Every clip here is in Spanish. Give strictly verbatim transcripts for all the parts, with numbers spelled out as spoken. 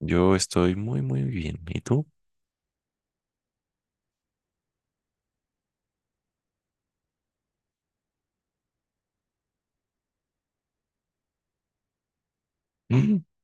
Yo estoy muy, muy bien. ¿Y tú? Mm.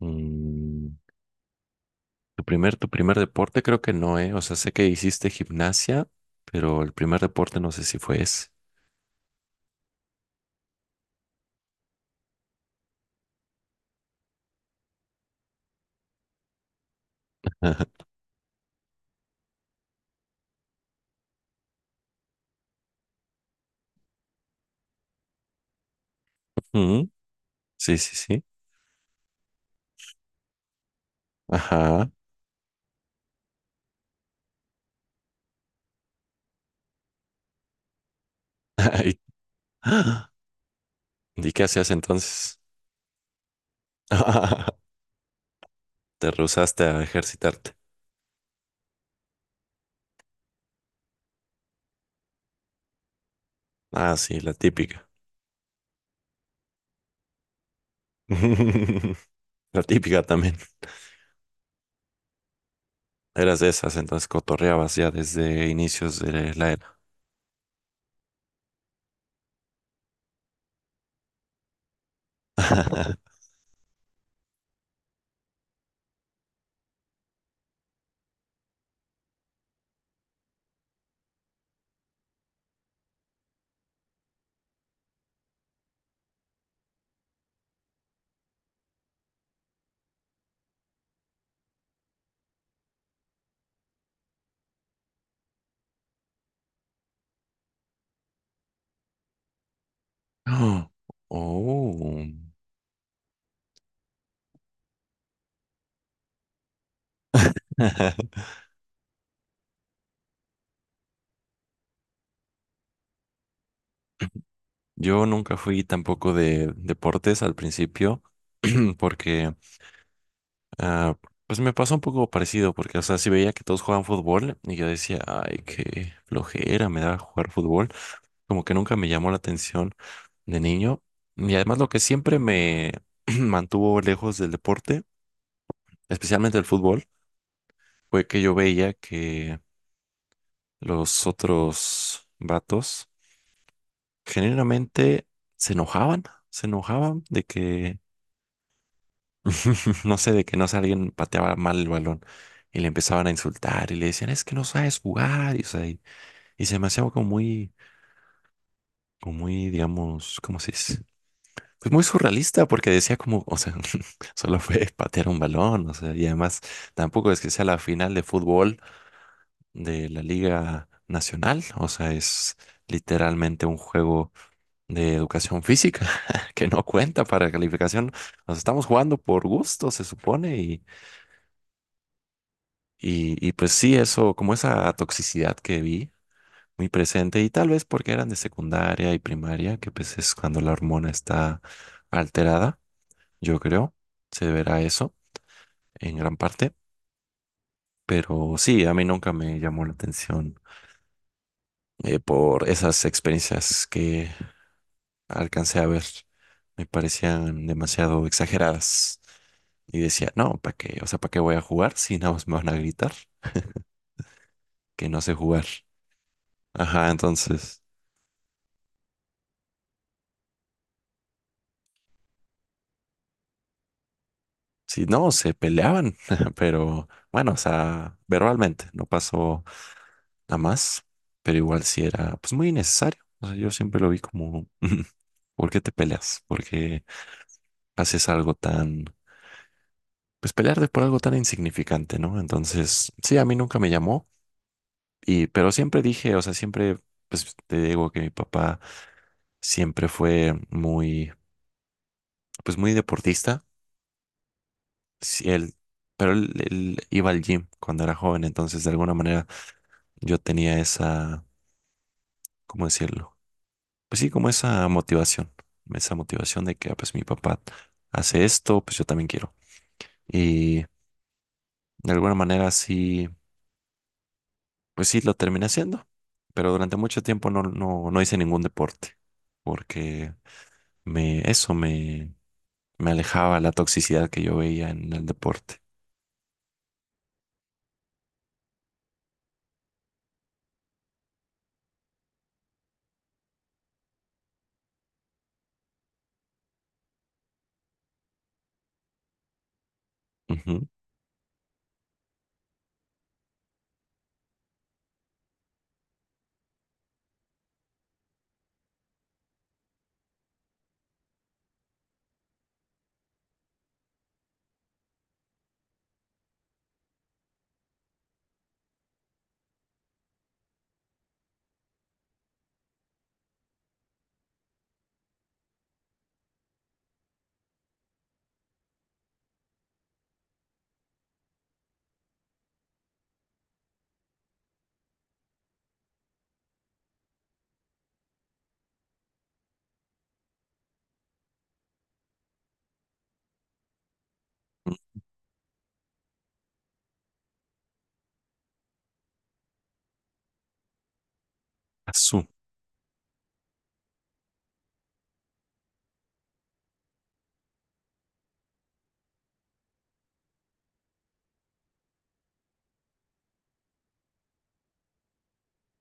Mm, tu primer, tu primer deporte creo que no, ¿eh? O sea, sé que hiciste gimnasia, pero el primer deporte no sé si fue ese. Mm, Sí, sí, sí. Ajá. ¿Y, ¿y qué hacías entonces? Te rehusaste a ejercitarte. Ah, sí, la típica. La típica también. Eras de esas, entonces cotorreabas ya desde inicios de la era. Oh. Yo nunca fui tampoco de deportes al principio porque ah, pues me pasó un poco parecido porque o sea, si veía que todos jugaban fútbol y yo decía, ay, qué flojera me da jugar fútbol, como que nunca me llamó la atención de niño. Y además, lo que siempre me mantuvo lejos del deporte, especialmente del fútbol, fue que yo veía que los otros vatos generalmente se enojaban, se enojaban de que no sé, de que no sé, alguien pateaba mal el balón y le empezaban a insultar y le decían, es que no sabes jugar, y, o sea, y, y se me hacía como muy, como muy, digamos, ¿cómo se dice? Pues muy surrealista porque decía como, o sea, solo fue patear un balón. O sea, y además tampoco es que sea la final de fútbol de la Liga Nacional. O sea, es literalmente un juego de educación física que no cuenta para calificación. O sea, estamos jugando por gusto, se supone. Y, y pues sí, eso, como esa toxicidad que vi muy presente, y tal vez porque eran de secundaria y primaria, que pues es cuando la hormona está alterada, yo creo, se deberá eso en gran parte. Pero sí, a mí nunca me llamó la atención eh, por esas experiencias que alcancé a ver. Me parecían demasiado exageradas y decía, no, ¿para qué? O sea, ¿para qué voy a jugar si nada más me van a gritar que no sé jugar? Ajá, entonces... Sí, no, se peleaban, pero bueno, o sea, verbalmente no pasó nada más, pero igual sí era pues muy innecesario. O sea, yo siempre lo vi como, ¿por qué te peleas? ¿Por qué haces algo tan, pues pelearte por algo tan insignificante, ¿no? Entonces, sí, a mí nunca me llamó, y pero siempre dije, o sea, siempre, pues te digo que mi papá siempre fue muy, pues muy deportista. Sí, él, pero él, él iba al gym cuando era joven. Entonces, de alguna manera yo tenía esa, ¿cómo decirlo? Pues sí, como esa motivación, esa motivación de que, ah, pues mi papá hace esto, pues yo también quiero. Y de alguna manera sí, pues sí, lo terminé haciendo, pero durante mucho tiempo no, no, no hice ningún deporte, porque me, eso me, me alejaba la toxicidad que yo veía en el deporte. Ujú. Azú.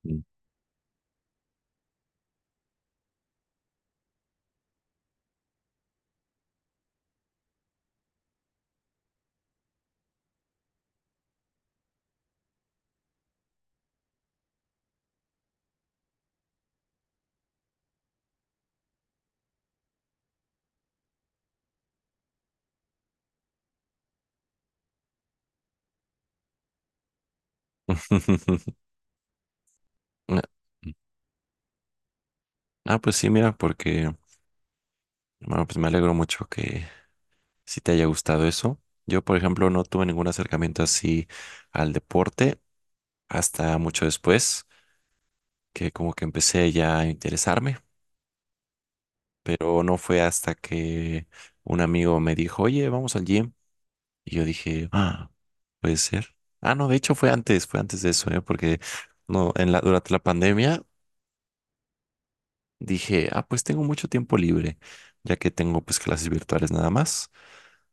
Mm. Ah, pues sí, mira, porque, bueno, pues me alegro mucho que si te haya gustado eso. Yo, por ejemplo, no tuve ningún acercamiento así al deporte hasta mucho después, que como que empecé ya a interesarme, pero no fue hasta que un amigo me dijo, oye, vamos al gym. Y yo dije, ah, puede ser. Ah, no, de hecho fue antes, fue antes de eso, ¿eh? Porque no, en la, durante la pandemia dije, ah, pues tengo mucho tiempo libre, ya que tengo pues clases virtuales nada más.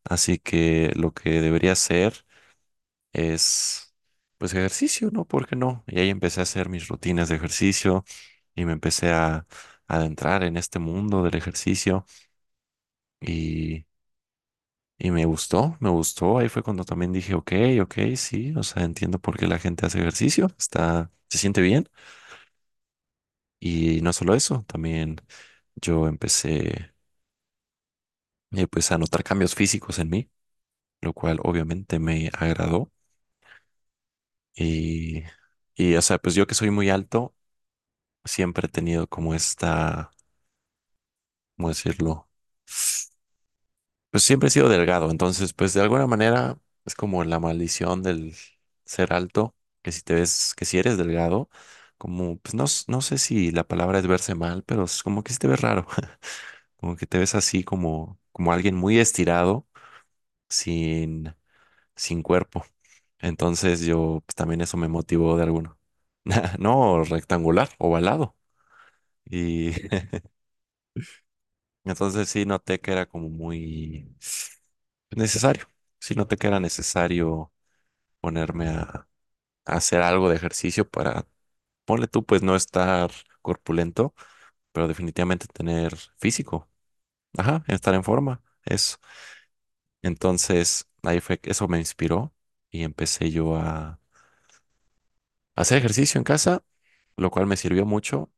Así que lo que debería hacer es pues ejercicio, ¿no? ¿Por qué no? Y ahí empecé a hacer mis rutinas de ejercicio y me empecé a adentrar en este mundo del ejercicio y, y me gustó, me gustó. Ahí fue cuando también dije, ok, ok, sí, o sea, entiendo por qué la gente hace ejercicio, está, se siente bien. Y no solo eso, también yo empecé eh, pues a notar cambios físicos en mí, lo cual obviamente me agradó y... Y, o sea, pues yo que soy muy alto, siempre he tenido como esta, ¿cómo decirlo? Pues siempre he sido delgado, entonces pues de alguna manera es como la maldición del ser alto, que si te ves, que si eres delgado, como pues no, s- no sé si la palabra es verse mal, pero es como que si te ves raro, como que te ves así como, como alguien muy estirado, sin, sin cuerpo. Entonces yo pues, también eso me motivó de alguno. No rectangular, ovalado. Y entonces sí noté que era como muy necesario. Si no te queda necesario ponerme a, a hacer algo de ejercicio para, ponle tú, pues no estar corpulento, pero definitivamente tener físico, ajá, estar en forma, eso. Entonces, ahí fue, eso me inspiró y empecé yo a hacer ejercicio en casa, lo cual me sirvió mucho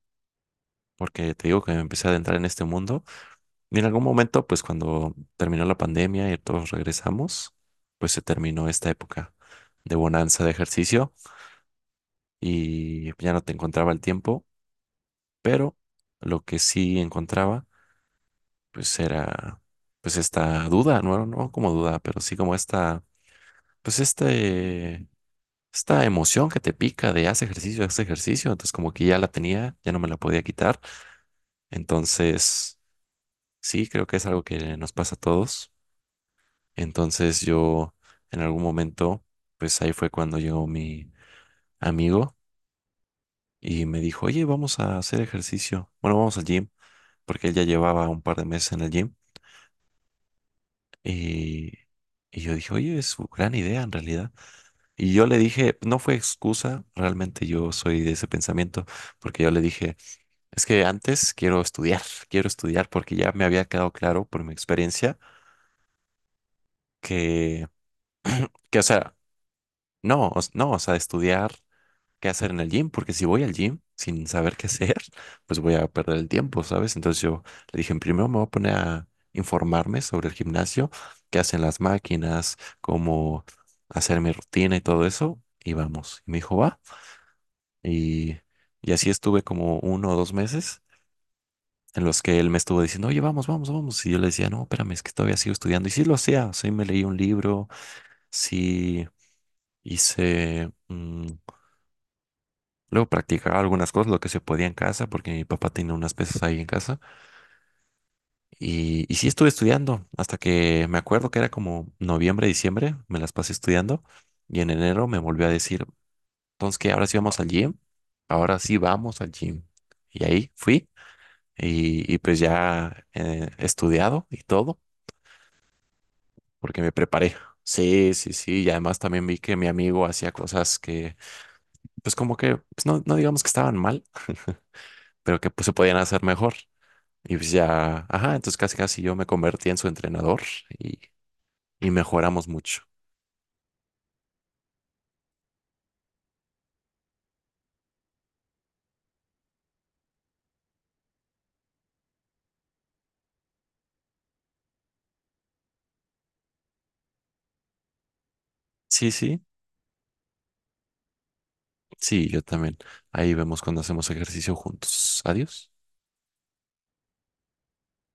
porque te digo que me empecé a adentrar en este mundo. Y en algún momento, pues cuando terminó la pandemia y todos regresamos, pues se terminó esta época de bonanza de ejercicio. Y ya no te encontraba el tiempo, pero lo que sí encontraba, pues era, pues esta duda, no, no como duda, pero sí como esta, pues este, esta emoción que te pica de haz ejercicio, haz ejercicio, entonces como que ya la tenía, ya no me la podía quitar, entonces sí, creo que es algo que nos pasa a todos. Entonces yo, en algún momento, pues ahí fue cuando llegó mi amigo y me dijo, oye, vamos a hacer ejercicio, bueno, vamos al gym, porque él ya llevaba un par de meses en el gym y, y yo dije, oye, es una gran idea en realidad. Y yo le dije, no fue excusa, realmente yo soy de ese pensamiento, porque yo le dije, es que antes quiero estudiar, quiero estudiar porque ya me había quedado claro por mi experiencia que, que o sea, no, o s- no, o sea, estudiar qué hacer en el gym, porque si voy al gym sin saber qué hacer, pues voy a perder el tiempo, ¿sabes? Entonces yo le dije, primero me voy a poner a informarme sobre el gimnasio, qué hacen las máquinas, cómo hacer mi rutina y todo eso, y vamos. Y me dijo, va. Y, y así estuve como uno o dos meses en los que él me estuvo diciendo, oye, vamos, vamos, vamos. Y yo le decía, no, espérame, es que todavía sigo estudiando. Y sí lo hacía, sí me leí un libro, sí hice mm, luego practicaba algunas cosas, lo que se podía en casa, porque mi papá tenía unas pesas ahí en casa. Y, y sí estuve estudiando, hasta que me acuerdo que era como noviembre, diciembre, me las pasé estudiando. Y en enero me volvió a decir, entonces, ¿qué? Ahora sí vamos al gym. Ahora sí vamos al gym. Y ahí fui. Y, y pues ya eh, estudiado y todo, porque me preparé. Sí, sí, sí. Y además también vi que mi amigo hacía cosas que, pues como que, pues no, no digamos que estaban mal, pero que pues, se podían hacer mejor. Y pues ya, ajá, entonces casi casi yo me convertí en su entrenador y, y mejoramos mucho. Sí, sí, sí, yo también. Ahí vemos cuando hacemos ejercicio juntos. Adiós.